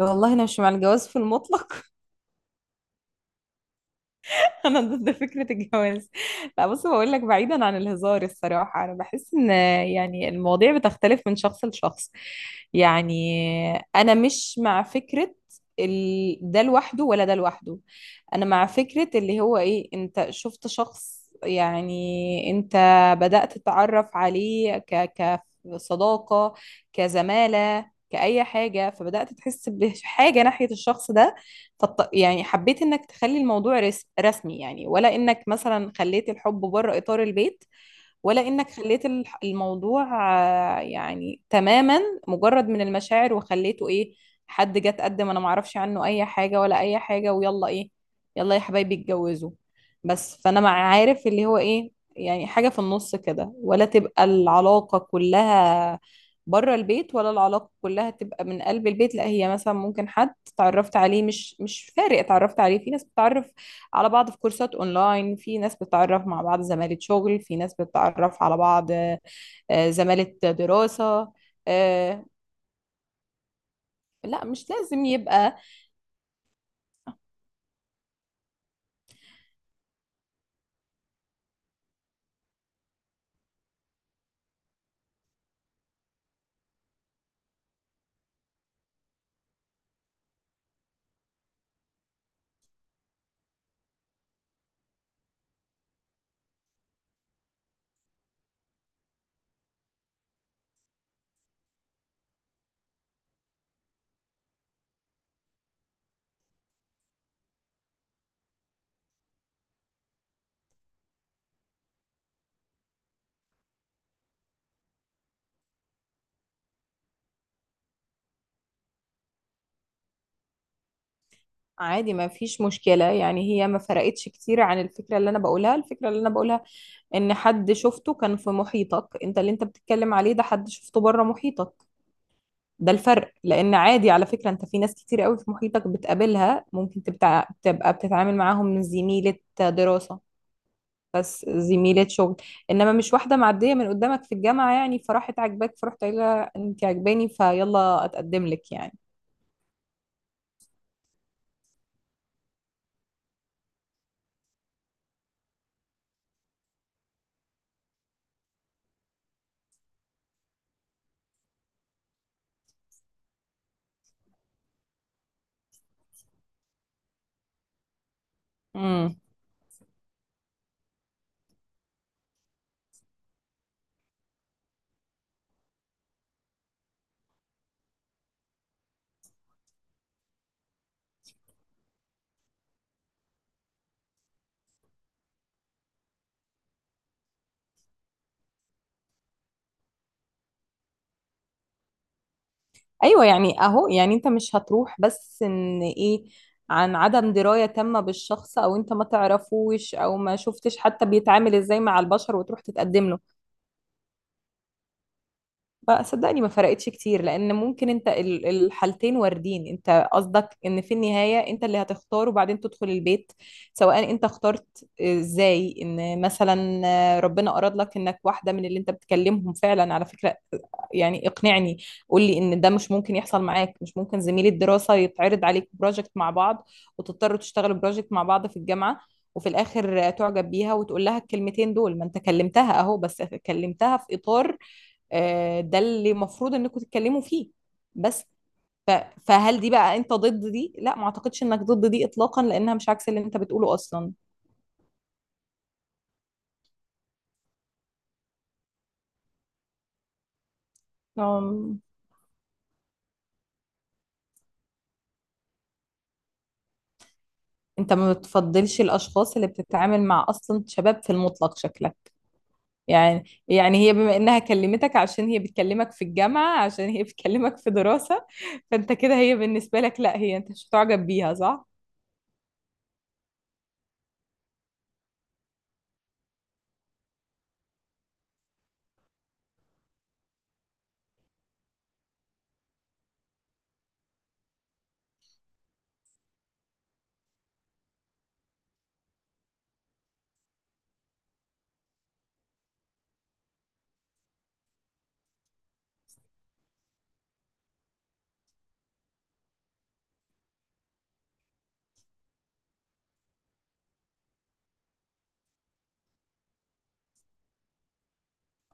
والله انا مش مع الجواز في المطلق. انا ضد فكره الجواز. لا بص بقول لك، بعيدا عن الهزار الصراحه انا بحس ان يعني المواضيع بتختلف من شخص لشخص. يعني انا مش مع فكره ده لوحده ولا ده لوحده. انا مع فكره اللي هو ايه، انت شفت شخص، يعني انت بدات تتعرف عليه كصداقه، كزماله، كأي حاجة، فبدأت تحس بحاجة ناحية الشخص ده. يعني حبيت انك تخلي الموضوع رسمي يعني، ولا انك مثلا خليت الحب بره اطار البيت، ولا انك خليت الموضوع يعني تماما مجرد من المشاعر، وخليته ايه، حد جه اتقدم، انا معرفش عنه اي حاجة ولا اي حاجة، ويلا ايه، يلا يا حبايبي اتجوزوا. بس فانا مع عارف اللي هو ايه، يعني حاجة في النص كده، ولا تبقى العلاقة كلها بره البيت، ولا العلاقة كلها تبقى من قلب البيت. لا هي مثلا ممكن حد اتعرفت عليه، مش فارق اتعرفت عليه. في ناس بتتعرف على بعض في كورسات اونلاين، في ناس بتتعرف مع بعض زمالة شغل، في ناس بتتعرف على بعض زمالة دراسة. آه، لا مش لازم يبقى عادي، ما فيش مشكلة. يعني هي ما فرقتش كتير عن الفكرة اللي انا بقولها. الفكرة اللي انا بقولها ان حد شفته كان في محيطك انت، اللي انت بتتكلم عليه ده حد شفته بره محيطك، ده الفرق. لان عادي على فكرة، انت في ناس كتير قوي في محيطك بتقابلها، ممكن تبقى بتتعامل معاهم من زميلة دراسة، زميلات شغل. انما مش واحده معديه من قدامك في الجامعه يعني، فراحت عاجباك، فرحت قايله انت عاجباني فيلا اتقدم لك يعني. امم ايوه يعني، اهو يعني، انت مش هتروح بس ان ايه، عن عدم درايه تامه بالشخص، او انت ما تعرفوش، او ما شفتش حتى بيتعامل ازاي مع البشر، وتروح تتقدم له. بقى صدقني ما فرقتش كتير، لان ممكن انت الحالتين واردين. انت قصدك ان في النهاية انت اللي هتختار وبعدين تدخل البيت، سواء انت اخترت ازاي. ان مثلا ربنا اراد لك انك واحدة من اللي انت بتكلمهم فعلا على فكرة، يعني اقنعني، قول لي ان ده مش ممكن يحصل معاك. مش ممكن زميل الدراسة يتعرض عليك بروجكت مع بعض، وتضطروا تشتغلوا بروجكت مع بعض في الجامعة، وفي الاخر تعجب بيها وتقول لها الكلمتين دول؟ ما انت كلمتها اهو، بس كلمتها في اطار ده اللي المفروض انكم تتكلموا فيه. بس ف- فهل دي بقى انت ضد دي؟ لا ما اعتقدش انك ضد دي اطلاقا، لانها مش عكس اللي انت بتقوله اصلا. أم، انت ما بتفضلش الاشخاص اللي بتتعامل مع، اصلا شباب في المطلق شكلك. يعني يعني هي بما انها كلمتك عشان هي بتكلمك في الجامعة، عشان هي بتكلمك في دراسة، فانت كده هي بالنسبة لك لا، هي انت مش هتعجب بيها صح؟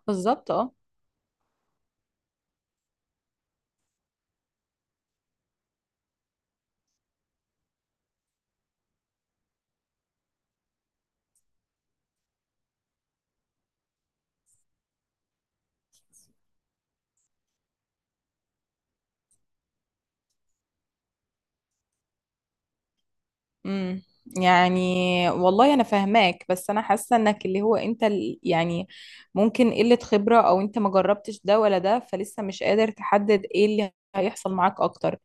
بالظبط اه. امم يعني والله انا فاهماك، بس انا حاسه انك اللي هو انت يعني ممكن قله خبره، او انت ما جربتش ده ولا ده، فلسه مش قادر تحدد ايه اللي هيحصل معاك اكتر.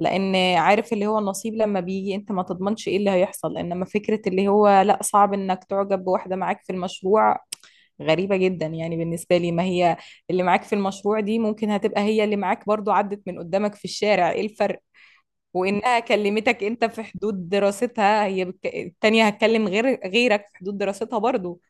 لان عارف اللي هو النصيب لما بيجي انت ما تضمنش ايه اللي هيحصل، انما فكره اللي هو لا صعب انك تعجب بواحده معاك في المشروع، غريبه جدا يعني بالنسبه لي. ما هي اللي معاك في المشروع دي ممكن هتبقى هي اللي معاك برضو عدت من قدامك في الشارع، ايه الفرق؟ وانها كلمتك انت في حدود دراستها، هي التانية هتكلم غير غيرك في حدود دراستها برضو.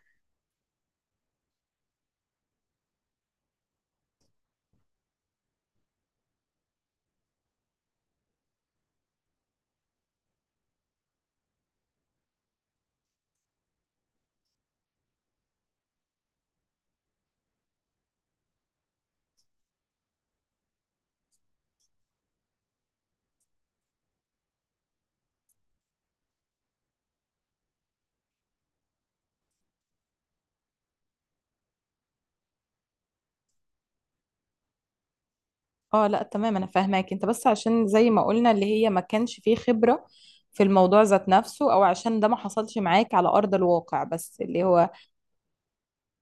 اه لا تمام انا فاهماك انت، بس عشان زي ما قلنا اللي هي ما كانش فيه خبرة في الموضوع ذات نفسه، او عشان ده ما حصلش معاك على ارض الواقع، بس اللي هو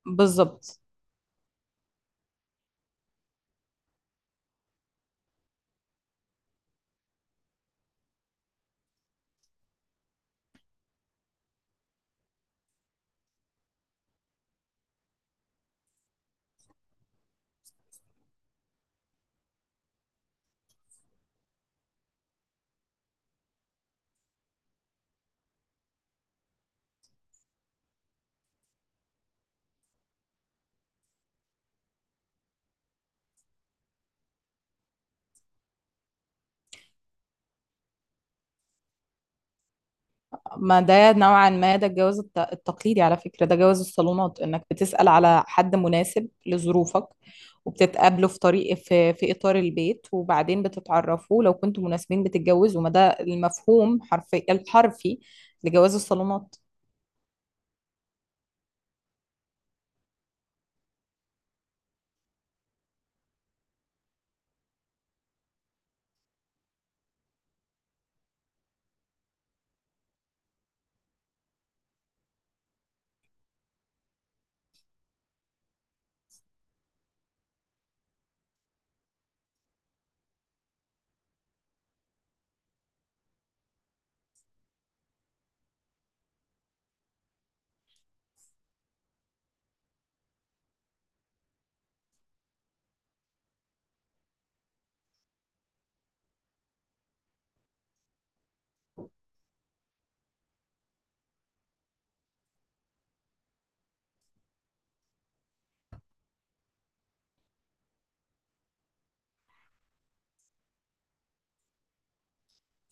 بالظبط. ما ده نوعا ما ده الجواز التقليدي على فكرة، ده جواز الصالونات، انك بتسأل على حد مناسب لظروفك، وبتتقابلوا في طريق، في إطار البيت، وبعدين بتتعرفوا لو كنتوا مناسبين بتتجوزوا. ما ده المفهوم حرفي الحرفي لجواز الصالونات.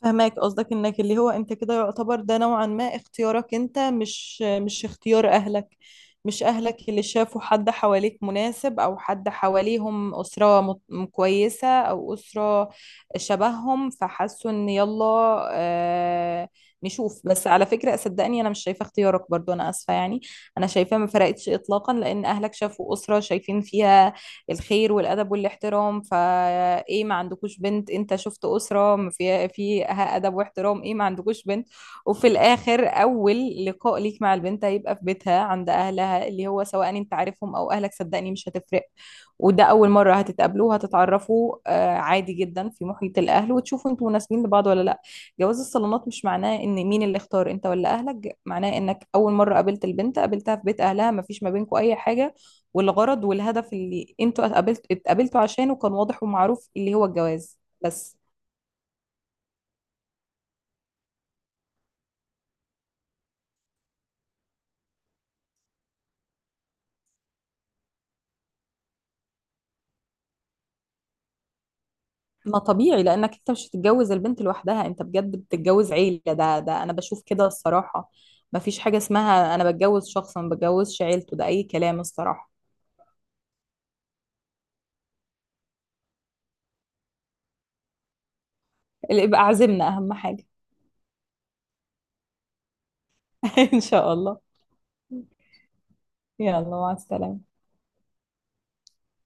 فهماك قصدك، انك اللي هو انت كده يعتبر ده نوعا ما اختيارك انت، مش اختيار اهلك، مش اهلك اللي شافوا حد حواليك مناسب، او حد حواليهم اسرة كويسة، او اسرة شبههم، فحسوا ان يلا آه نشوف. بس على فكرة صدقني انا مش شايفة اختيارك برضو، انا اسفة يعني. انا شايفة ما فرقتش اطلاقا، لان اهلك شافوا اسرة شايفين فيها الخير والادب والاحترام فايه، ما عندكوش بنت؟ انت شفت اسره ما في فيها ادب واحترام ايه، ما عندكوش بنت؟ وفي الاخر اول لقاء ليك مع البنت هيبقى في بيتها عند اهلها، اللي هو سواء انت عارفهم او اهلك صدقني مش هتفرق. وده اول مره هتتقابلوا، هتتعرفوا عادي جدا في محيط الاهل، وتشوفوا انتوا مناسبين لبعض ولا لا. جواز الصالونات مش معناه ان مين اللي اختار، انت ولا اهلك، معناه انك اول مره قابلت البنت قابلتها في بيت اهلها، مفيش ما بينكوا اي حاجه، والغرض والهدف اللي انتوا اتقابلتوا عشانه كان واضح ومعروف اللي هو الجواز بس. ما طبيعي، لانك انت مش هتتجوز البنت لوحدها، انت بجد بتتجوز عيلة، ده انا بشوف كده الصراحة. ما فيش حاجة اسمها انا بتجوز شخص ما بتجوزش عيلته، ده اي كلام الصراحة. اللي يبقى عزمنا اهم حاجة. ان شاء الله. يلا مع السلامة.